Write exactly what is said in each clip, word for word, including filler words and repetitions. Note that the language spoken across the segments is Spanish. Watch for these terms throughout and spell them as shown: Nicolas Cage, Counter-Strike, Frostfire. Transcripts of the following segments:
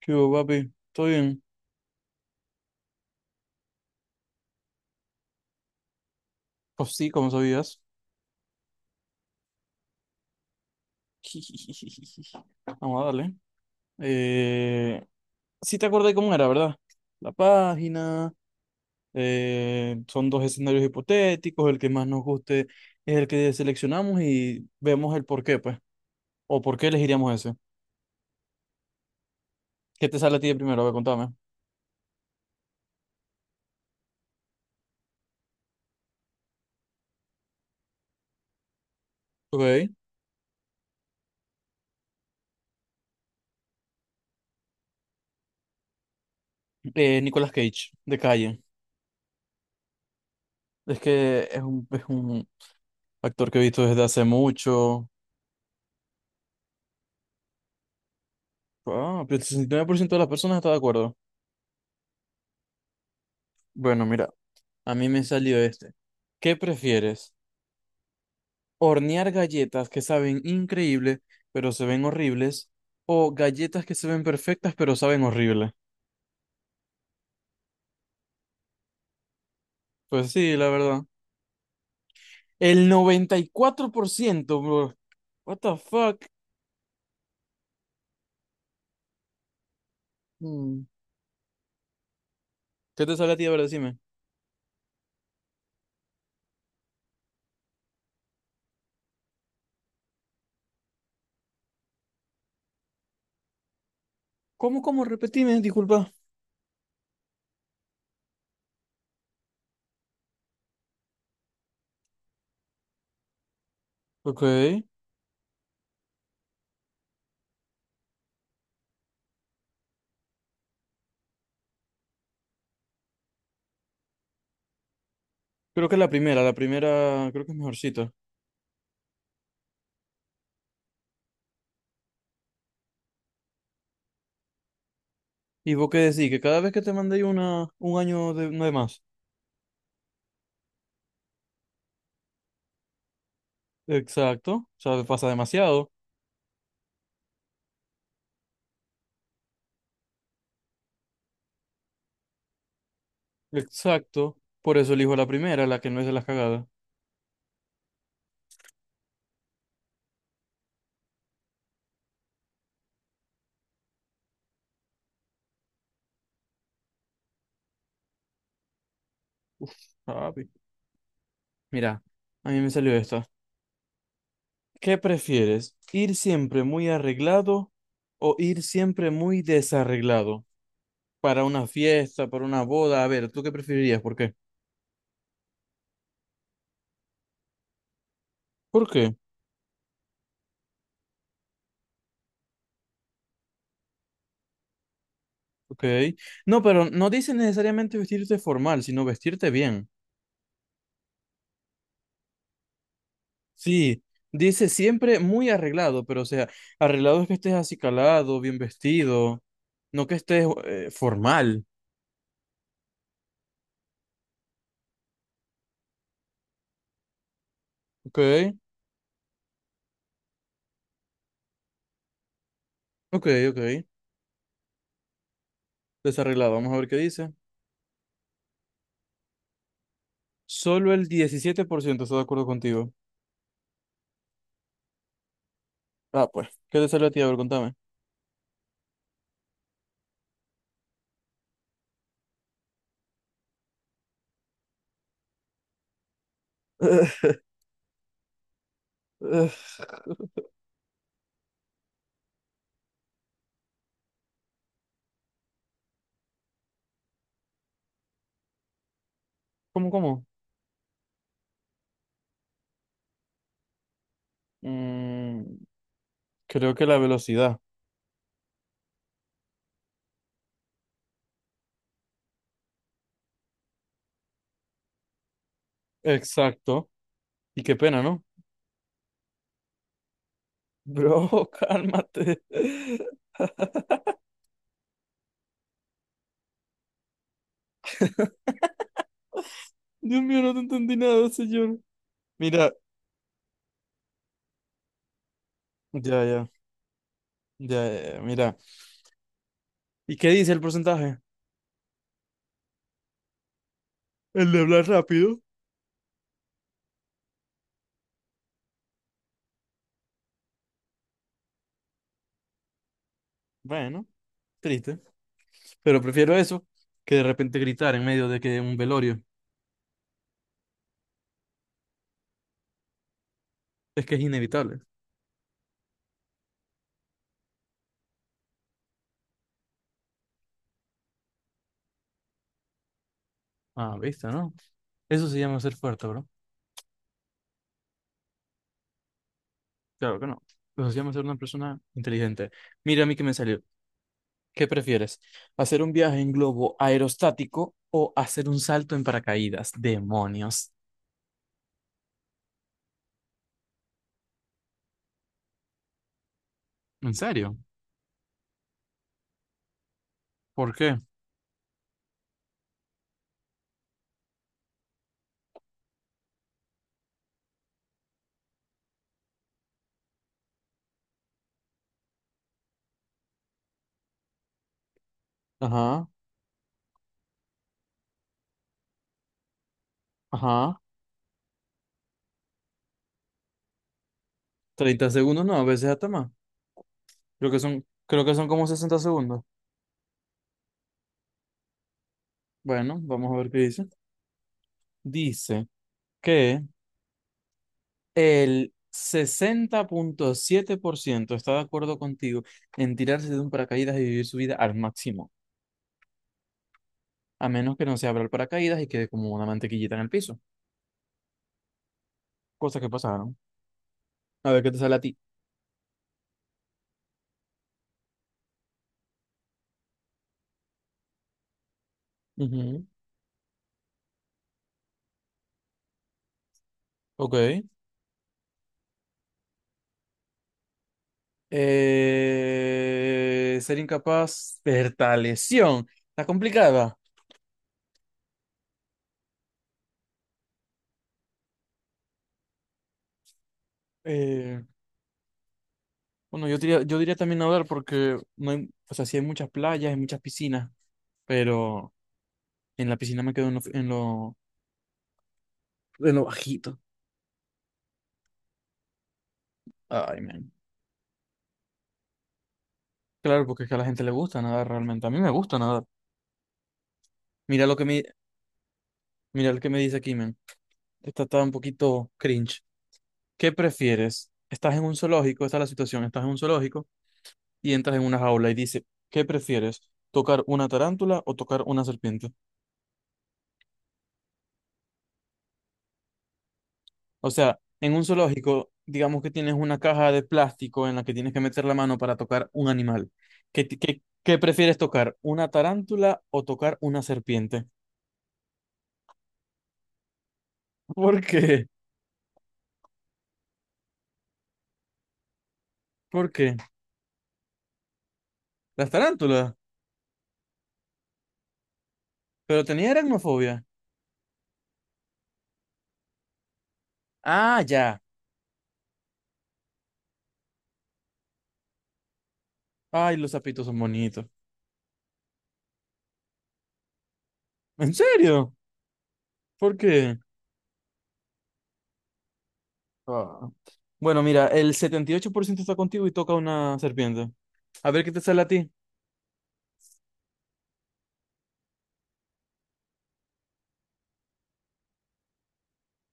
¿Qué hubo, papi? ¿Todo bien? Pues sí, como sabías. Vamos a darle. Eh, sí te acordás cómo era, ¿verdad? La página, eh, son dos escenarios hipotéticos, el que más nos guste es el que seleccionamos y vemos el por qué, pues. O por qué elegiríamos ese. ¿Qué te sale a ti de primero? A ver, contame. Ok. Eh, Nicolas Cage, de calle. Es que es un, es un actor que he visto desde hace mucho. Ah, pero el sesenta y nueve por ciento de las personas está de acuerdo. Bueno, mira. A mí me salió este. ¿Qué prefieres? ¿Hornear galletas que saben increíble, pero se ven horribles? ¿O galletas que se ven perfectas, pero saben horrible? Pues sí, la verdad. El noventa y cuatro por ciento, bro. What the fuck? Mm. ¿Qué te sale a ti? A ver, decime. ¿Cómo, cómo? Repetime, disculpa. Ok. Creo que la primera, la primera creo que es mejorcita. ¿Y vos qué decís? Que cada vez que te mandé una, un año de, no de más. Exacto. O sea, pasa demasiado. Exacto. Por eso elijo la primera, la que no es de las cagadas. Uf, papi. Mira, a mí me salió esta. ¿Qué prefieres? ¿Ir siempre muy arreglado o ir siempre muy desarreglado? Para una fiesta, para una boda. A ver, ¿tú qué preferirías? ¿Por qué? ¿Por qué? Ok. No, pero no dice necesariamente vestirte formal, sino vestirte bien. Sí, dice siempre muy arreglado, pero o sea, arreglado es que estés acicalado, bien vestido, no que estés eh, formal. Ok. Ok, ok. Desarreglado. Vamos a ver qué dice. Solo el diecisiete por ciento está de acuerdo contigo. Ah, pues. ¿Qué te salió a ti? A ver, contame. Ugh, ¿cómo, cómo? Mm, creo que la velocidad. Exacto. Y qué pena, ¿no? Bro, cálmate. Dios mío, no te entendí nada, señor. Mira, ya, ya, ya, ya, ya, mira. ¿Y qué dice el porcentaje? El de hablar rápido. Bueno, triste. Pero prefiero eso que de repente gritar en medio de que un velorio. Es que es inevitable. Ah, ¿viste, no? Eso se llama ser fuerte, bro. Claro que no. Eso se llama ser una persona inteligente. Mira a mí que me salió. ¿Qué prefieres? ¿Hacer un viaje en globo aerostático o hacer un salto en paracaídas? Demonios. ¿En serio? ¿Por qué? Ajá, ajá. Treinta segundos, no, a veces hasta más. Creo que son, creo que son como sesenta segundos. Bueno, vamos a ver qué dice. Dice que el sesenta punto siete por ciento está de acuerdo contigo en tirarse de un paracaídas y vivir su vida al máximo, a menos que no se abra el paracaídas y quede como una mantequillita en el piso. Cosas que pasaron. A ver qué te sale a ti. Ujú, ok. Eh, ser incapaz de lesión. Está complicada. Eh, bueno, yo diría, yo diría también nadar porque no hay, o sea, sí hay muchas playas, hay muchas piscinas, pero en la piscina me quedo en lo, en lo, en lo bajito. Ay, man. Claro, porque es que a la gente le gusta nadar realmente. A mí me gusta nadar. Mira lo que me, mira lo que me dice aquí, men. Esta está un poquito cringe. ¿Qué prefieres? Estás en un zoológico, esta es la situación, estás en un zoológico y entras en una jaula y dice, ¿qué prefieres? ¿Tocar una tarántula o tocar una serpiente? O sea, en un zoológico, digamos que tienes una caja de plástico en la que tienes que meter la mano para tocar un animal. ¿Qué, ti- ¿qué, qué prefieres tocar? ¿Una tarántula o tocar una serpiente? ¿Por qué? ¿Por qué? ¿Las tarántulas? Pero tenía aracnofobia. Ah, ya. Ay, los sapitos son bonitos. ¿En serio? ¿Por qué? Ah. Bueno, mira, el setenta y ocho por ciento está contigo y toca una serpiente. A ver qué te sale a ti.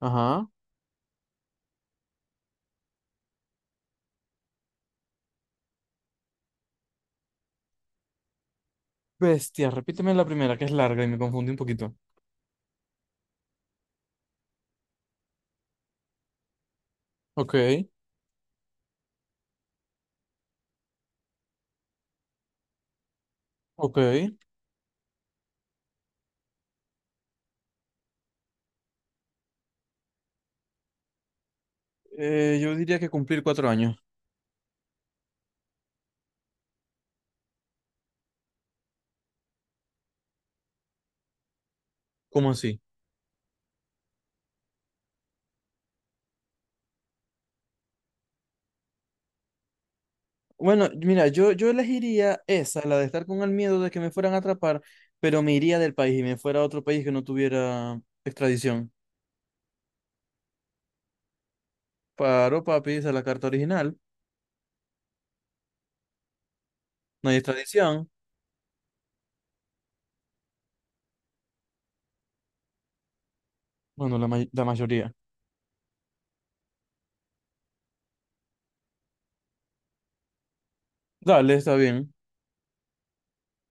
Ajá. Bestia, repíteme la primera, que es larga y me confundí un poquito. Ok, ok. Eh, yo diría que cumplir cuatro años. ¿Cómo así? Bueno, mira, yo, yo elegiría esa, la de estar con el miedo de que me fueran a atrapar, pero me iría del país y me fuera a otro país que no tuviera extradición. Paro, papi, esa es la carta original. Nadie es tradición. Bueno, la, may- la mayoría. Dale, está bien.